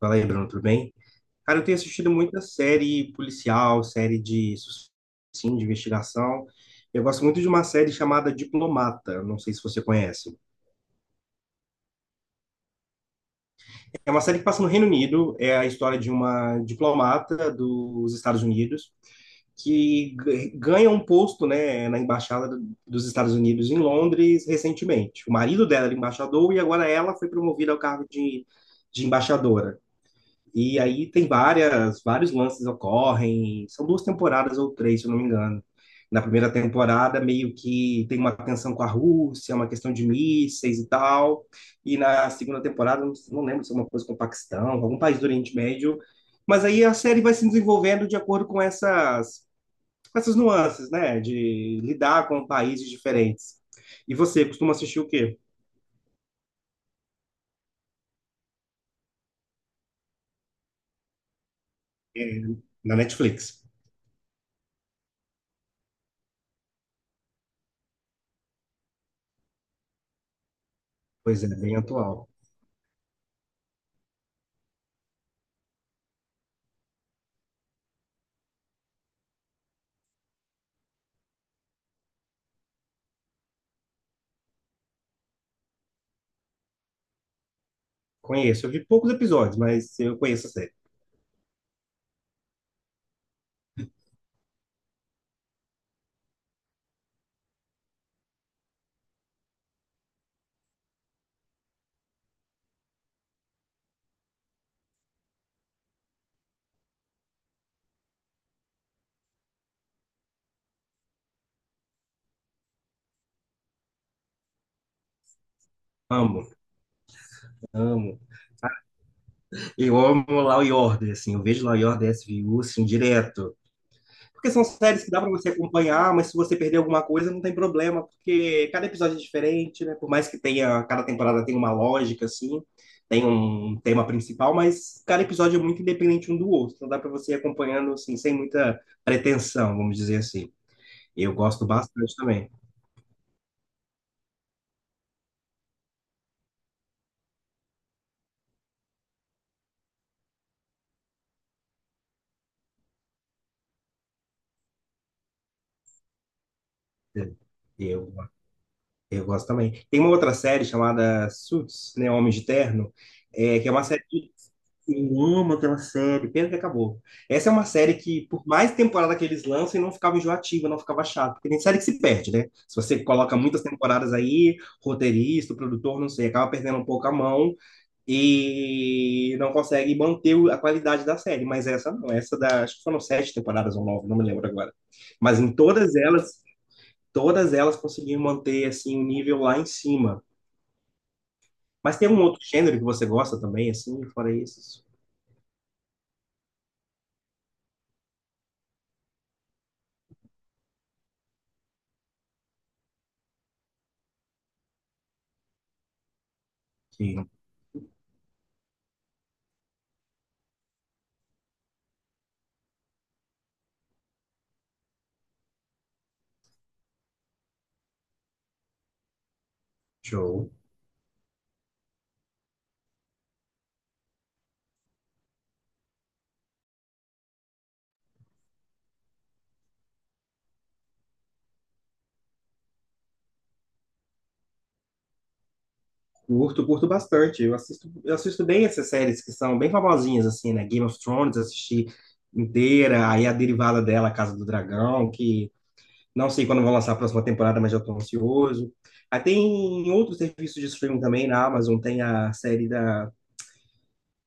Fala aí, Bruno, tudo bem? Cara, eu tenho assistido muita série policial, sim, de investigação. Eu gosto muito de uma série chamada Diplomata, não sei se você conhece. É uma série que passa no Reino Unido, é a história de uma diplomata dos Estados Unidos que ganha um posto, né, na embaixada dos Estados Unidos em Londres recentemente. O marido dela era embaixador e agora ela foi promovida ao cargo de embaixadora. E aí tem vários lances ocorrem, são duas temporadas ou três, se eu não me engano. Na primeira temporada, meio que tem uma tensão com a Rússia, uma questão de mísseis e tal. E na segunda temporada, não lembro se é uma coisa com o Paquistão, algum país do Oriente Médio. Mas aí a série vai se desenvolvendo de acordo com com essas nuances, né? De lidar com países diferentes. E você costuma assistir o quê? É, na Netflix. Pois é, bem atual. Conheço, eu vi poucos episódios, mas eu conheço a série. Amo, amo. Eu amo Law e Order, assim, eu vejo Law e Order SVU, assim, direto. Porque são séries que dá pra você acompanhar, mas se você perder alguma coisa, não tem problema, porque cada episódio é diferente, né? Por mais que tenha, cada temporada tem uma lógica, assim, tem um tema principal, mas cada episódio é muito independente um do outro, então dá pra você ir acompanhando, assim, sem muita pretensão, vamos dizer assim. Eu gosto bastante também. Eu Eu gosto também. Tem uma outra série chamada Suits, né? Homens de Terno, é, que é uma série que eu amo aquela série, pena que acabou. Essa é uma série que, por mais temporada que eles lançam, não ficava enjoativa, não ficava chata. Porque tem série que se perde, né? Se você coloca muitas temporadas aí, roteirista, produtor, não sei, acaba perdendo um pouco a mão e não consegue manter a qualidade da série. Mas essa não, essa da, acho que foram sete temporadas ou nove, não me lembro agora. Mas em todas elas conseguiram manter assim o nível lá em cima. Mas tem um outro gênero que você gosta também, assim, fora esses? Que show. Curto, curto bastante. Eu assisto bem essas séries que são bem famosinhas, assim, né? Game of Thrones, assisti inteira, aí a derivada dela, Casa do Dragão, que não sei quando vão lançar a próxima temporada, mas já estou ansioso. Aí tem outros serviços de streaming também, na Amazon tem a série da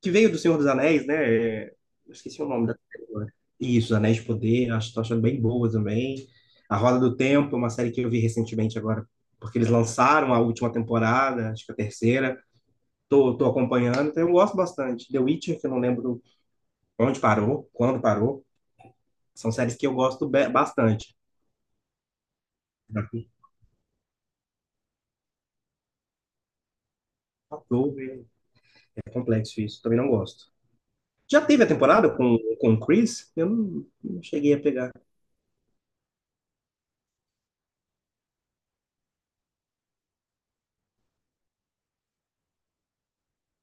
que veio do Senhor dos Anéis, né? É, eu esqueci o nome da série agora. Isso, Anéis de Poder, acho, tô achando bem boa também. A Roda do Tempo, é uma série que eu vi recentemente agora, porque eles lançaram a última temporada, acho que a terceira. Tô acompanhando, então eu gosto bastante. The Witcher, que eu não lembro onde parou, quando parou. São séries que eu gosto bastante. Faltou, é complexo isso, também não gosto. Já teve a temporada com o Chris? Eu não cheguei a pegar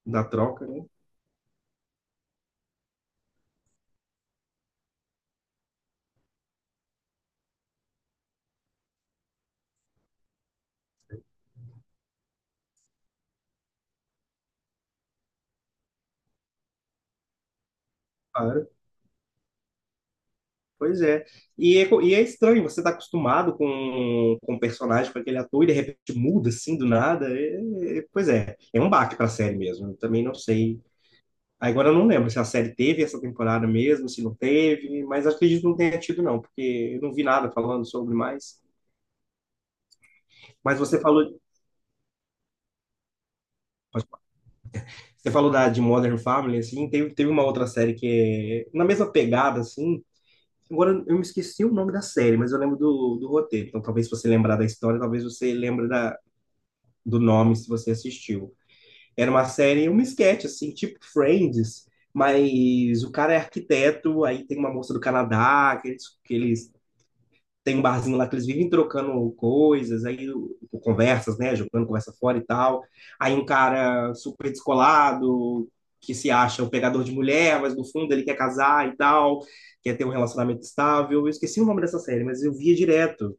da troca, né? Ah, é? Pois é. E é estranho, você tá acostumado com o personagem, com aquele ator, e de repente muda assim do nada. Pois é, é um baque pra série mesmo. Eu também não sei. Agora eu não lembro se a série teve essa temporada mesmo, se não teve, mas acredito que não tenha tido, não, porque eu não vi nada falando sobre mais. Mas você falou, você falou da, de Modern Family, assim, teve uma outra série que é na mesma pegada, assim. Agora eu me esqueci o nome da série, mas eu lembro do roteiro. Então talvez se você lembrar da história, talvez você lembre da do nome se você assistiu. Era uma série, um sketch, assim, tipo Friends, mas o cara é arquiteto, aí tem uma moça do Canadá, que eles têm um barzinho lá que eles vivem trocando coisas, aí conversas, né, jogando conversa fora e tal. Aí um cara super descolado, que se acha o pegador de mulher, mas no fundo ele quer casar e tal, quer ter um relacionamento estável. Eu esqueci o nome dessa série, mas eu via direto.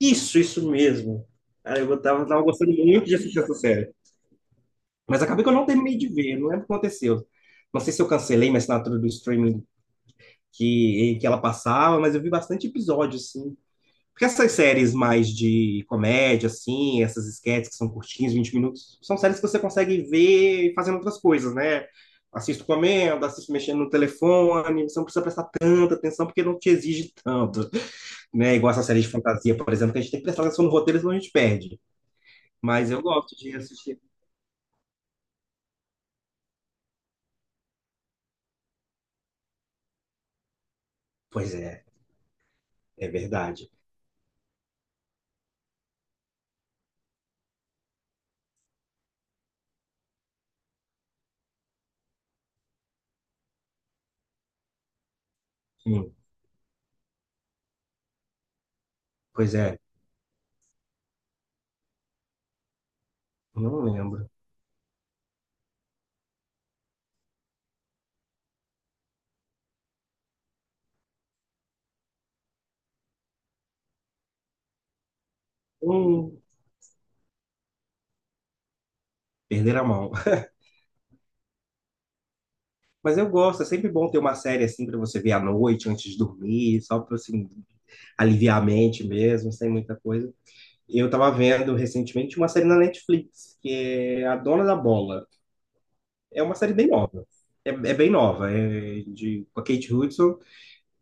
Isso mesmo. Cara, tava gostando muito de assistir essa série. Mas acabei que eu não terminei de ver, não lembro o que aconteceu. Não sei se eu cancelei minha assinatura do streaming que, que ela passava, mas eu vi bastante episódio, assim. Porque essas séries mais de comédia, assim, essas esquetes que são curtinhas, 20 minutos, são séries que você consegue ver fazendo outras coisas, né? Assisto comendo, assisto mexendo no telefone, você não precisa prestar tanta atenção porque não te exige tanto, né? Igual essa série de fantasia, por exemplo, que a gente tem que prestar atenção no roteiro, senão a gente perde. Mas eu gosto de assistir. Pois é, é verdade. Sim, pois é. Não lembro. Hum, perder a mão. Mas eu gosto, é sempre bom ter uma série assim pra você ver à noite, antes de dormir, só pra assim, aliviar a mente mesmo, sem muita coisa. Eu tava vendo recentemente uma série na Netflix, que é A Dona da Bola. É uma série bem nova. É, é bem nova, é de, com a Kate Hudson.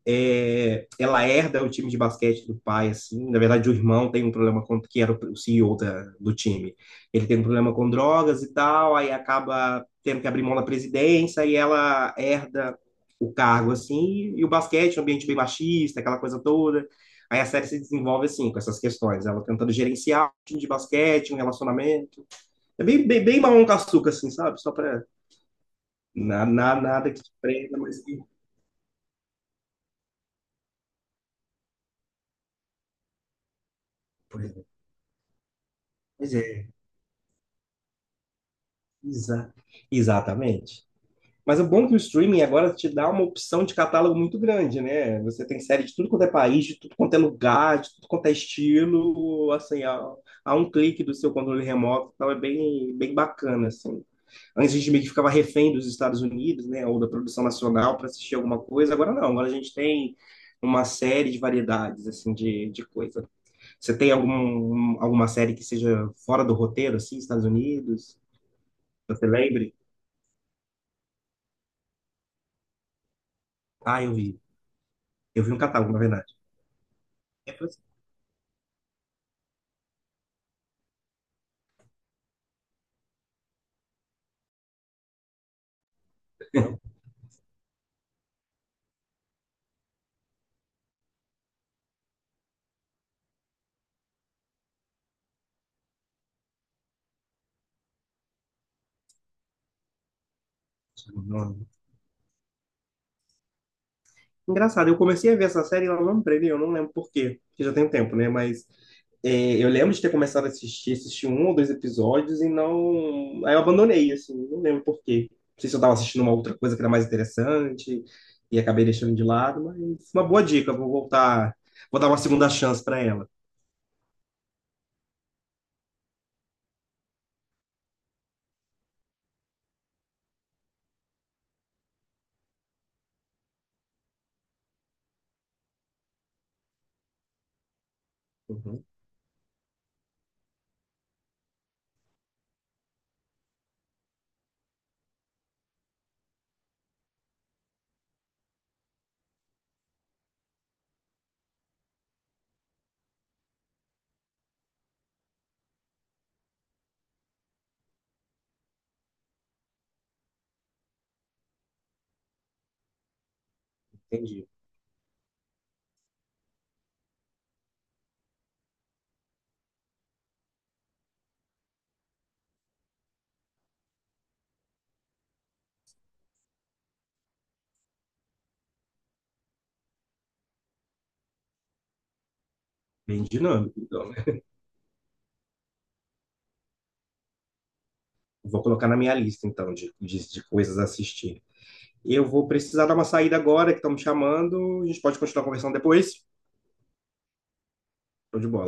É, ela herda o time de basquete do pai, assim. Na verdade, o irmão tem um problema com que era o CEO da, do time. Ele tem um problema com drogas e tal, aí acaba tendo que abrir mão da presidência e ela herda o cargo, assim. E o basquete, um ambiente bem machista, aquela coisa toda. Aí a série se desenvolve assim, com essas questões. Ela tentando gerenciar um time de basquete, um relacionamento. É bem mamão com açúcar, assim, sabe? Só pra. Nada que te prenda, mas. Pois é. Exa- Exatamente. Mas o bom é que o streaming agora te dá uma opção de catálogo muito grande, né? Você tem série de tudo quanto é país, de tudo quanto é lugar, de tudo quanto é estilo, assim, a um clique do seu controle remoto, então é bem bacana, assim. Antes a gente meio que ficava refém dos Estados Unidos, né, ou da produção nacional para assistir alguma coisa, agora não, agora a gente tem uma série de variedades, assim, de coisa. Você tem alguma série que seja fora do roteiro, assim, Estados Unidos? Você lembre? Ah, eu vi. Eu vi um catálogo, na verdade. Eu falei assim, "Nossa". Engraçado, eu comecei a ver essa série e ela não previa, eu não lembro por quê, porque já tem um tempo, né? Mas é, eu lembro de ter começado a assistir, assisti um ou dois episódios e não. Aí eu abandonei, assim, não lembro por quê. Não sei se eu estava assistindo uma outra coisa que era mais interessante e acabei deixando de lado, mas uma boa dica, vou voltar, vou dar uma segunda chance para ela. Uhum, entendi. Bem dinâmico, então, né? Vou colocar na minha lista, então, de coisas a assistir. Eu vou precisar dar uma saída agora, que estão me chamando. A gente pode continuar conversando depois. Tô de bola.